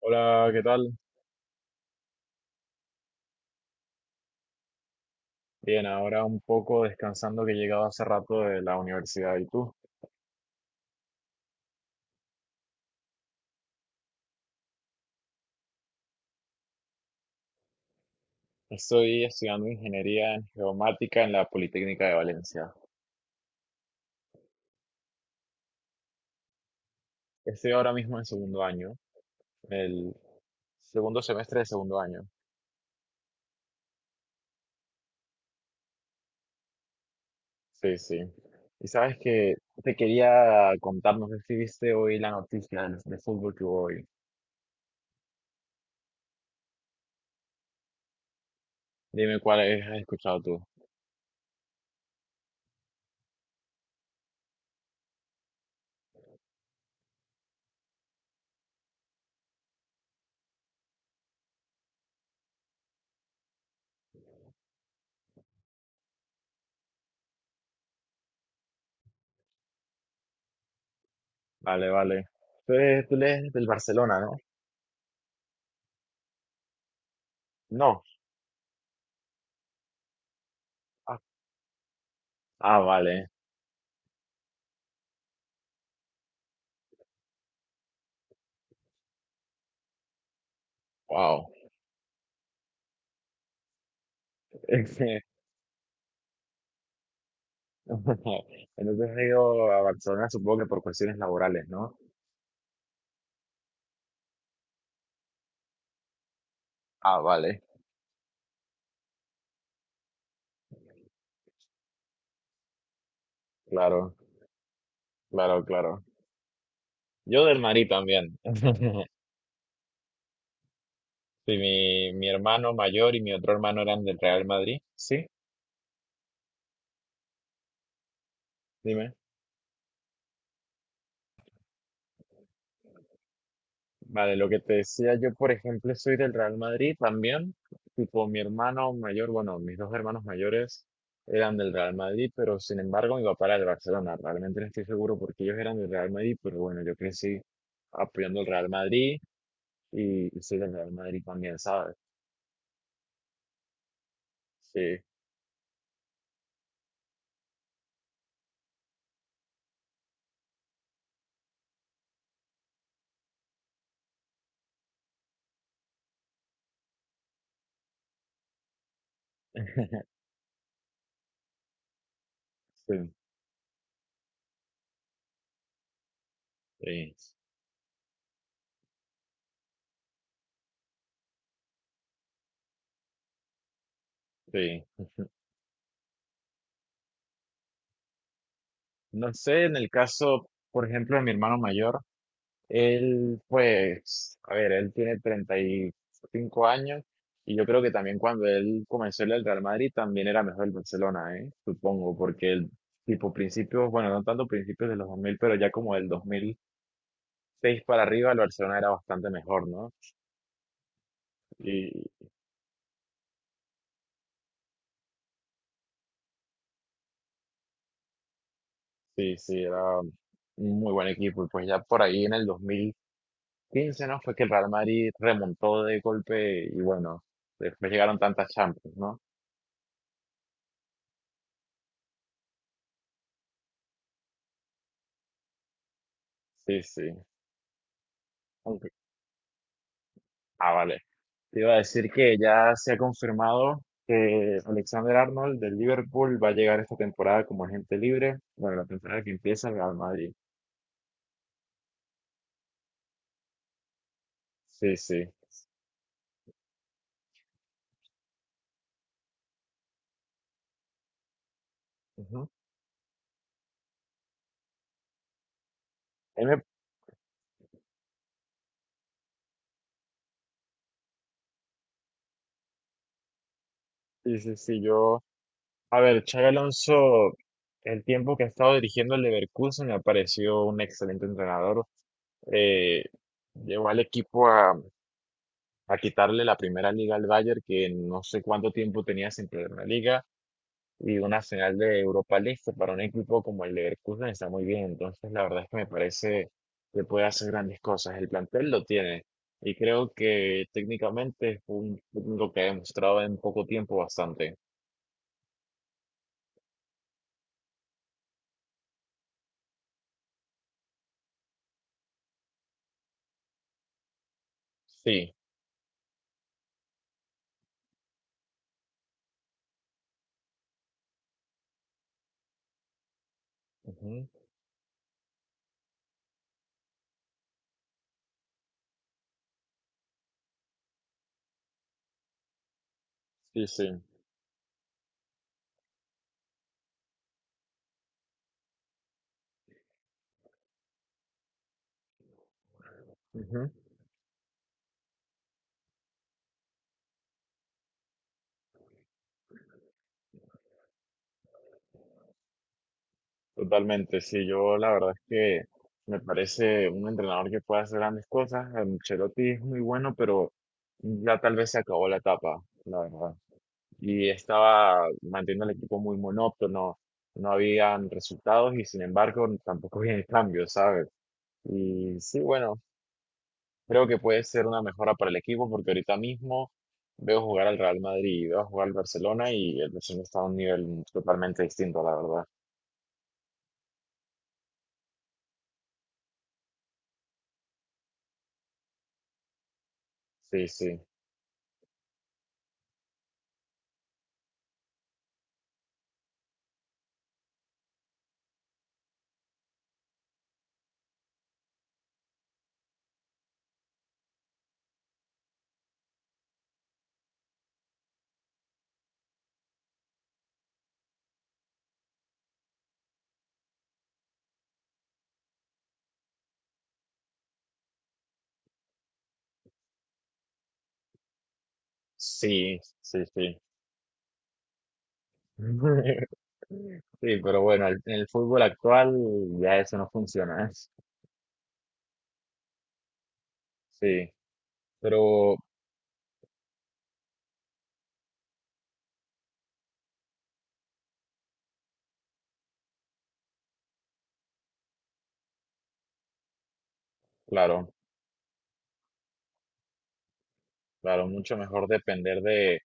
Hola, ¿qué tal? Bien, ahora un poco descansando que he llegado hace rato de la universidad. ¿Y tú? Estoy estudiando ingeniería en geomática en la Politécnica de Valencia. Estoy ahora mismo en segundo año, el segundo semestre de segundo año. Sí, sí. Y sabes que te quería contar, no sé si viste hoy la noticia de fútbol que hubo hoy. Dime cuál has escuchado tú. Vale, vale. Tú eres del Barcelona, ¿no? No. Ah, ah, vale. Wow. Entonces he ido a Barcelona, supongo que por cuestiones laborales, ¿no? Ah, vale. Claro, claro, claro. Yo del Madrid también. Sí, mi hermano mayor y mi otro hermano eran del Real Madrid. Sí, dime. Vale, lo que te decía, yo por ejemplo soy del Real Madrid también. Tipo, mi hermano mayor, bueno, mis dos hermanos mayores eran del Real Madrid, pero sin embargo mi papá era del Barcelona. Realmente no estoy seguro porque ellos eran del Real Madrid, pero bueno, yo crecí apoyando el Real Madrid. Y soy del Real Madrid también, ¿sabes? Sí, sí, sí, sí. No sé, en el caso, por ejemplo, de mi hermano mayor, él, pues, a ver, él tiene 35 años y yo creo que también cuando él comenzó en el Real Madrid también era mejor el Barcelona, ¿eh? Supongo, porque el tipo principios, bueno, no tanto principios de los 2000, pero ya como del 2006 para arriba el Barcelona era bastante mejor, ¿no? Y sí, era un muy buen equipo y pues ya por ahí en el 15, ¿no? Fue que el Real Madrid remontó de golpe y, bueno, después llegaron tantas Champions, ¿no? Sí, sí. Aunque- Ah, vale. Te iba a decir que ya se ha confirmado que Alexander Arnold del Liverpool va a llegar esta temporada como agente libre. Bueno, la temporada que empieza el Real Madrid. Sí, sí. Ujú. A mí me- Sí, sí, sí, yo. A ver, Xabi Alonso, el tiempo que ha estado dirigiendo el Leverkusen me ha parecido un excelente entrenador. Eh, llevó al equipo a quitarle la primera liga al Bayern, que no sé cuánto tiempo tenía sin perder una liga, y una final de Europa League que para un equipo como el Leverkusen está muy bien. Entonces, la verdad es que me parece que puede hacer grandes cosas. El plantel lo tiene, y creo que técnicamente es un técnico que ha demostrado en poco tiempo bastante. Sí, ujú, sí, sí, ujú. Totalmente, sí, yo la verdad es que me parece un entrenador que puede hacer grandes cosas. Ancelotti es muy bueno, pero ya tal vez se acabó la etapa, la verdad. Y estaba manteniendo al equipo muy monótono, no habían resultados y sin embargo tampoco había cambios, ¿sabes? Y sí, bueno, creo que puede ser una mejora para el equipo porque ahorita mismo veo jugar al Real Madrid y veo jugar al Barcelona y el Barcelona está a un nivel totalmente distinto, la verdad. Sí, sí. Sí. Sí, pero bueno, en el fútbol actual ya eso no funciona, ¿eh? Sí, pero claro, claro, mucho mejor depender de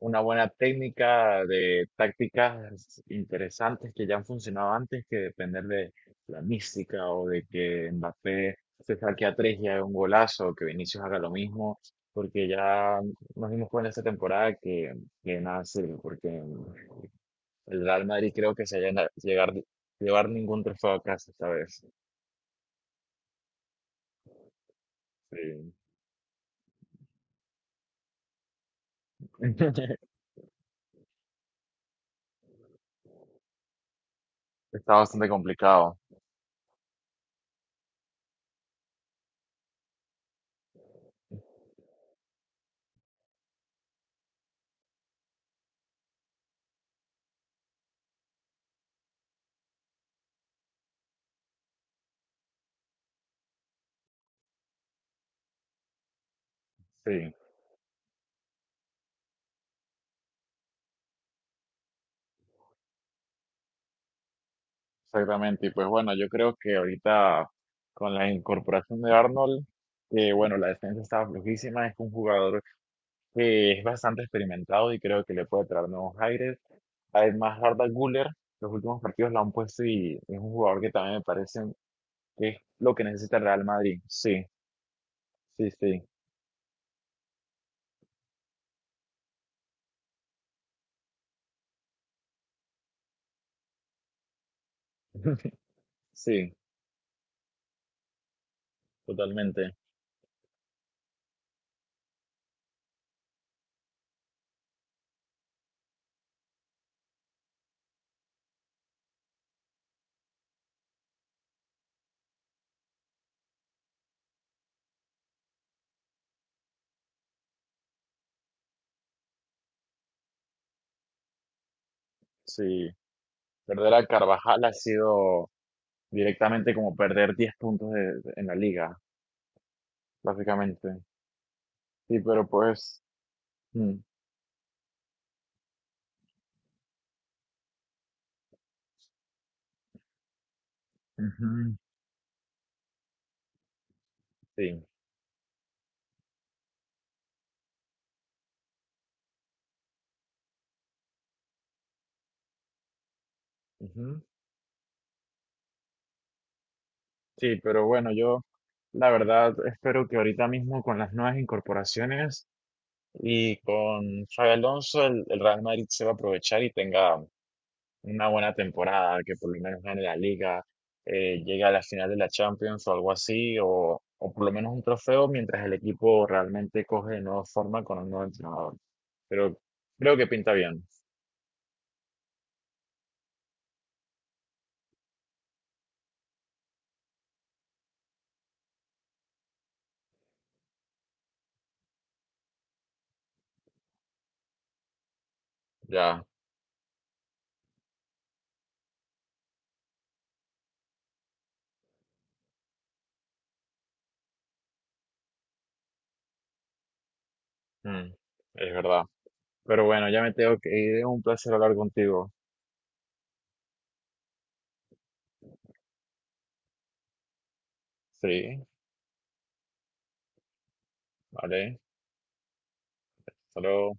una buena técnica, de tácticas interesantes que ya han funcionado antes, que depender de la mística o de que Mbappé se saque a tres y haga un golazo, o que Vinicius haga lo mismo, porque ya nos dimos cuenta esta temporada que nada sirve, porque el Real Madrid creo que se llega a llegar, llevar ningún trofeo a casa esta vez. Sí. Está bastante complicado. Sí, exactamente. Y pues bueno, yo creo que ahorita con la incorporación de Arnold, que, bueno, la defensa estaba flojísima, es un jugador que es bastante experimentado y creo que le puede traer nuevos aires. Además, Arda Güler, los últimos partidos la han puesto y es un jugador que también me parece que es lo que necesita el Real Madrid. Sí, sí, sí, sí, totalmente. Sí, perder a Carvajal ha sido directamente como perder 10 puntos en la liga, básicamente. Sí, pero pues... mm, ujú, sí, ujú. Sí, pero bueno, yo la verdad espero que ahorita mismo con las nuevas incorporaciones y con Xabi Alonso el Real Madrid se va a aprovechar y tenga una buena temporada, que por lo menos gane la liga, llegue a la final de la Champions o algo así, o por lo menos un trofeo mientras el equipo realmente coge de nuevo forma con un nuevo entrenador. Pero creo que pinta bien, ya, mm, es verdad. Pero bueno, ya me tengo que ir, un placer hablar contigo. Sí, vale, hasta luego.